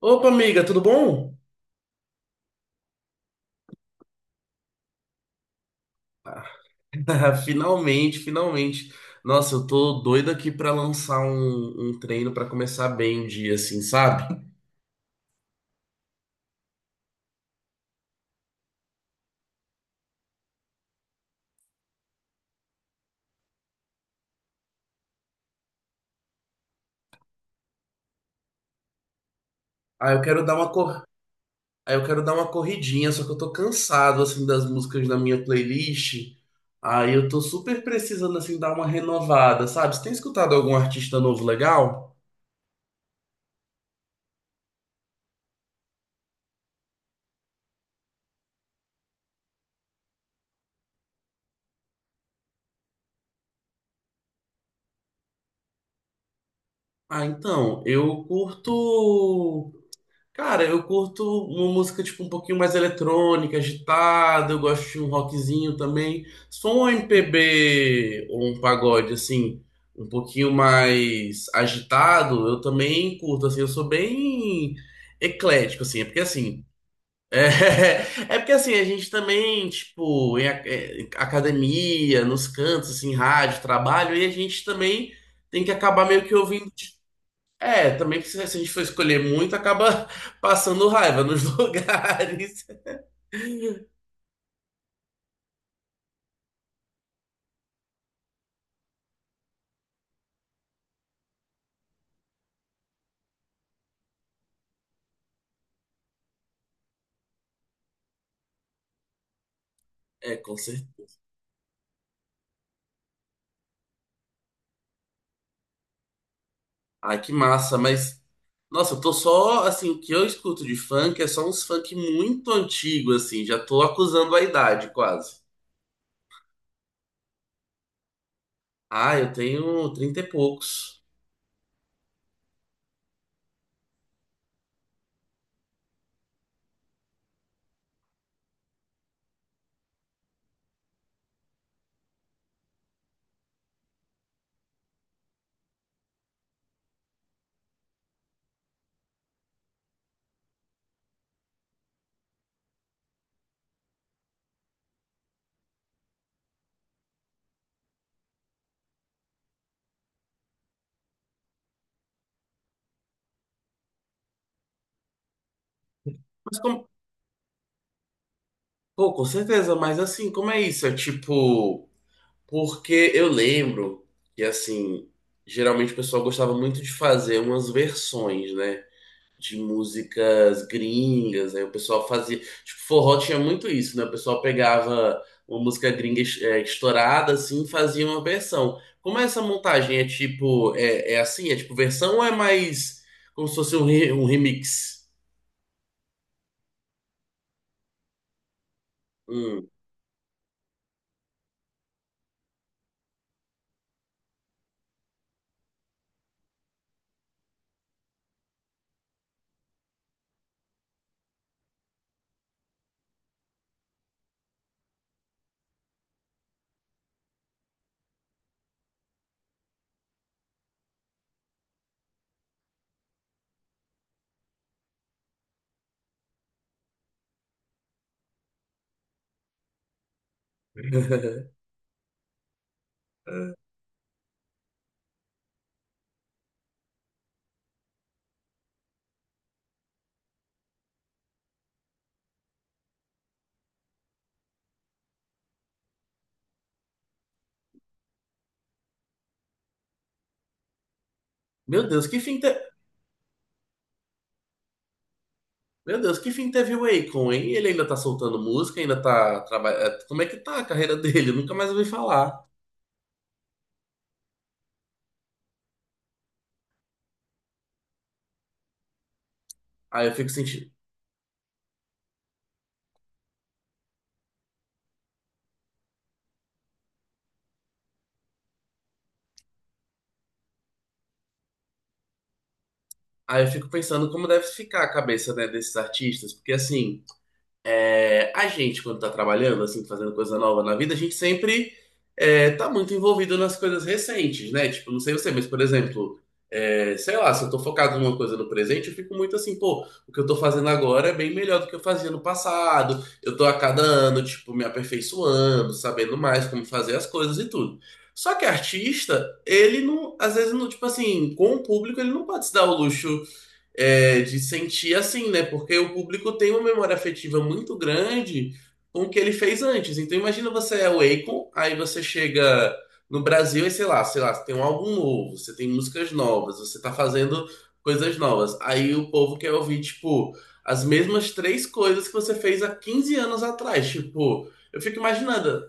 Opa, amiga, tudo bom? Finalmente, finalmente. Nossa, eu tô doido aqui pra lançar um treino pra começar bem o dia, assim, sabe? Ah, eu quero dar uma cor... ah, eu quero dar uma corridinha, só que eu tô cansado, assim, das músicas da minha playlist. Aí eu tô super precisando, assim, dar uma renovada, sabe? Você tem escutado algum artista novo legal? Ah, então, eu curto. Cara, eu curto uma música tipo um pouquinho mais eletrônica, agitada, eu gosto de um rockzinho também. Se for um MPB ou um pagode assim, um pouquinho mais agitado, eu também curto assim, eu sou bem eclético assim, é porque assim, é, é porque assim, a gente também, tipo, em academia, nos cantos assim, rádio, trabalho, e a gente também tem que acabar meio que ouvindo. Também que se a gente for escolher muito, acaba passando raiva nos lugares. É, com certeza. Ai, que massa, mas. Nossa, eu tô só, assim, o que eu escuto de funk é só uns funk muito antigo, assim, já tô acusando a idade, quase. Ah, eu tenho 30 e poucos. Mas como, pô, com certeza, mas assim, como é isso? É tipo, porque eu lembro que, assim, geralmente o pessoal gostava muito de fazer umas versões, né? De músicas gringas, aí o pessoal fazia. Tipo, forró tinha muito isso, né? O pessoal pegava uma música gringa estourada, assim, e fazia uma versão. Como é essa montagem? É tipo, é assim? É tipo versão ou é mais como se fosse um remix? Hum. Meu Deus, que fim te... Meu Deus, que fim teve o Akon, hein? Ele ainda tá soltando música, ainda tá trabalhando. Como é que tá a carreira dele? Eu nunca mais ouvi falar. Aí eu fico sentindo. Aí eu fico pensando como deve ficar a cabeça, né, desses artistas, porque assim, é, a gente quando tá trabalhando, assim, fazendo coisa nova na vida, a gente sempre tá muito envolvido nas coisas recentes, né? Tipo, não sei você, mas por exemplo, é, sei lá, se eu tô focado numa coisa no presente, eu fico muito assim, pô, o que eu tô fazendo agora é bem melhor do que eu fazia no passado, eu tô a cada ano, tipo, me aperfeiçoando, sabendo mais como fazer as coisas e tudo. Só que artista, ele não, às vezes, não, tipo assim, com o público, ele não pode se dar o luxo de sentir assim, né? Porque o público tem uma memória afetiva muito grande com o que ele fez antes. Então imagina você é o Akon, aí você chega no Brasil e sei lá, você tem um álbum novo, você tem músicas novas, você tá fazendo coisas novas. Aí o povo quer ouvir, tipo, as mesmas três coisas que você fez há 15 anos atrás.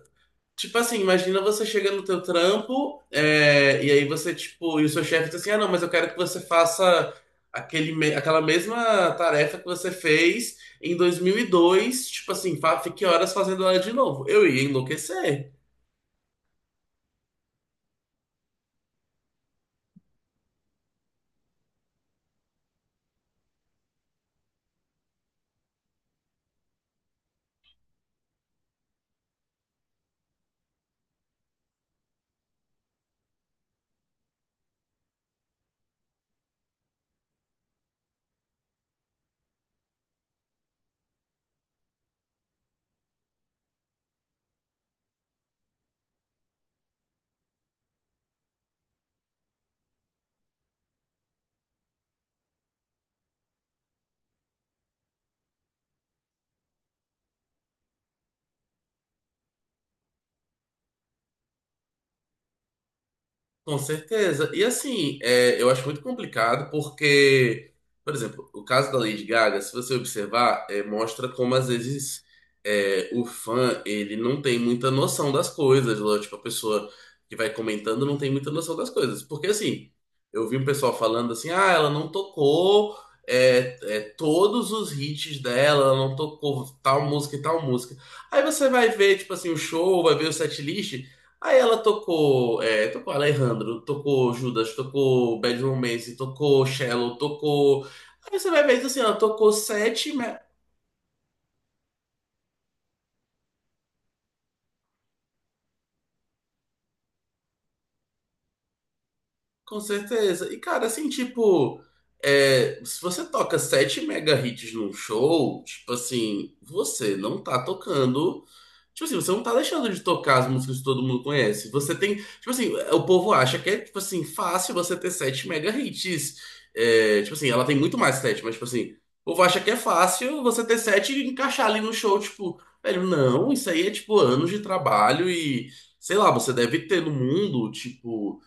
Tipo assim, imagina você chega no teu trampo, é, e aí você, tipo, e o seu chefe diz assim, ah, não, mas eu quero que você faça aquela mesma tarefa que você fez em 2002. Tipo assim, fique horas fazendo ela de novo. Eu ia enlouquecer. Com certeza. E assim, eu acho muito complicado porque, por exemplo, o caso da Lady Gaga, se você observar, é, mostra como às vezes o fã ele não tem muita noção das coisas, né? Tipo, a pessoa que vai comentando não tem muita noção das coisas. Porque assim, eu vi um pessoal falando assim, ah, ela não tocou todos os hits dela, ela não tocou tal música e tal música. Aí você vai ver, tipo assim, o show, vai ver o setlist. Aí ela tocou, é, tocou Alejandro, tocou Judas, tocou Bad Romance, tocou Shallow, tocou. Aí você vai ver assim, ela tocou sete. Com certeza. E cara, assim, tipo, se você toca sete mega hits num show, tipo assim, você não tá tocando. Tipo assim, você não tá deixando de tocar as músicas que todo mundo conhece. Você tem. Tipo assim, o povo acha que é, tipo assim, fácil você ter sete mega hits. É, tipo assim, ela tem muito mais sete, mas, tipo assim, o povo acha que é fácil você ter sete e encaixar ali no show. Tipo, velho, não, isso aí é, tipo, anos de trabalho e. Sei lá, você deve ter no mundo, tipo,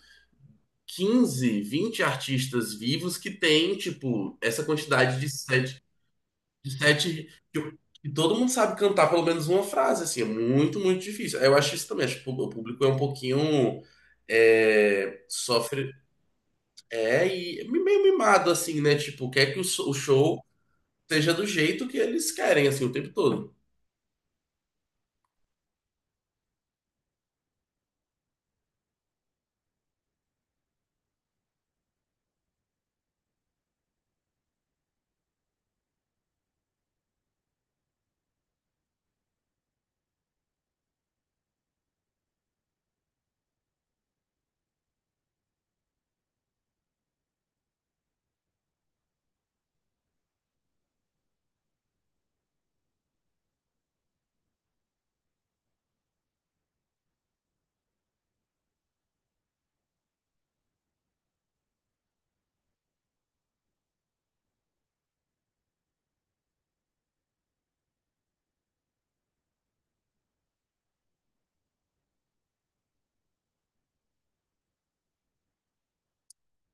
15 20 artistas vivos que tem, tipo, essa quantidade de set de sete que, que todo mundo sabe cantar pelo menos uma frase, assim, é muito, muito difícil. Eu acho isso também, acho que o público é um pouquinho sofre, e meio mimado, assim, né? Tipo, quer que o show seja do jeito que eles querem, assim, o tempo todo.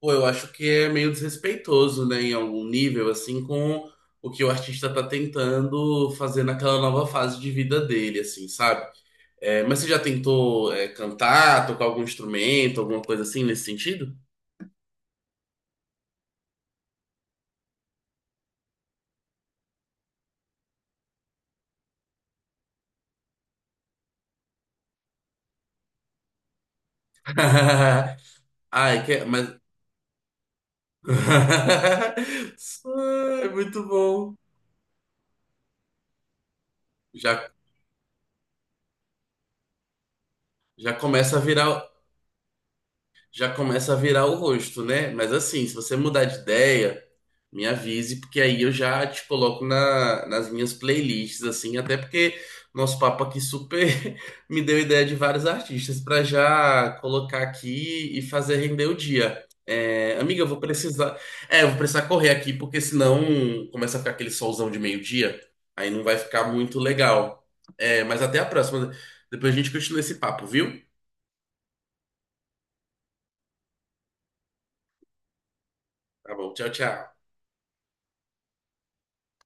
Pô, eu acho que é meio desrespeitoso, né, em algum nível, assim, com o que o artista tá tentando fazer naquela nova fase de vida dele, assim, sabe? É, mas você já tentou, é, cantar, tocar algum instrumento, alguma coisa assim nesse sentido? Ai, que... mas. Ai, muito bom. Já, já começa a virar, Já começa a virar o rosto, né? Mas assim, se você mudar de ideia. Me avise, porque aí eu já te coloco na, nas minhas playlists, assim, até porque nosso papo aqui super me deu ideia de vários artistas para já colocar aqui e fazer render o dia. É, amiga, eu vou precisar. É, eu vou precisar correr aqui, porque senão começa a ficar aquele solzão de meio-dia, aí não vai ficar muito legal. É, mas até a próxima. Depois a gente continua esse papo, viu? Tá bom, tchau, tchau.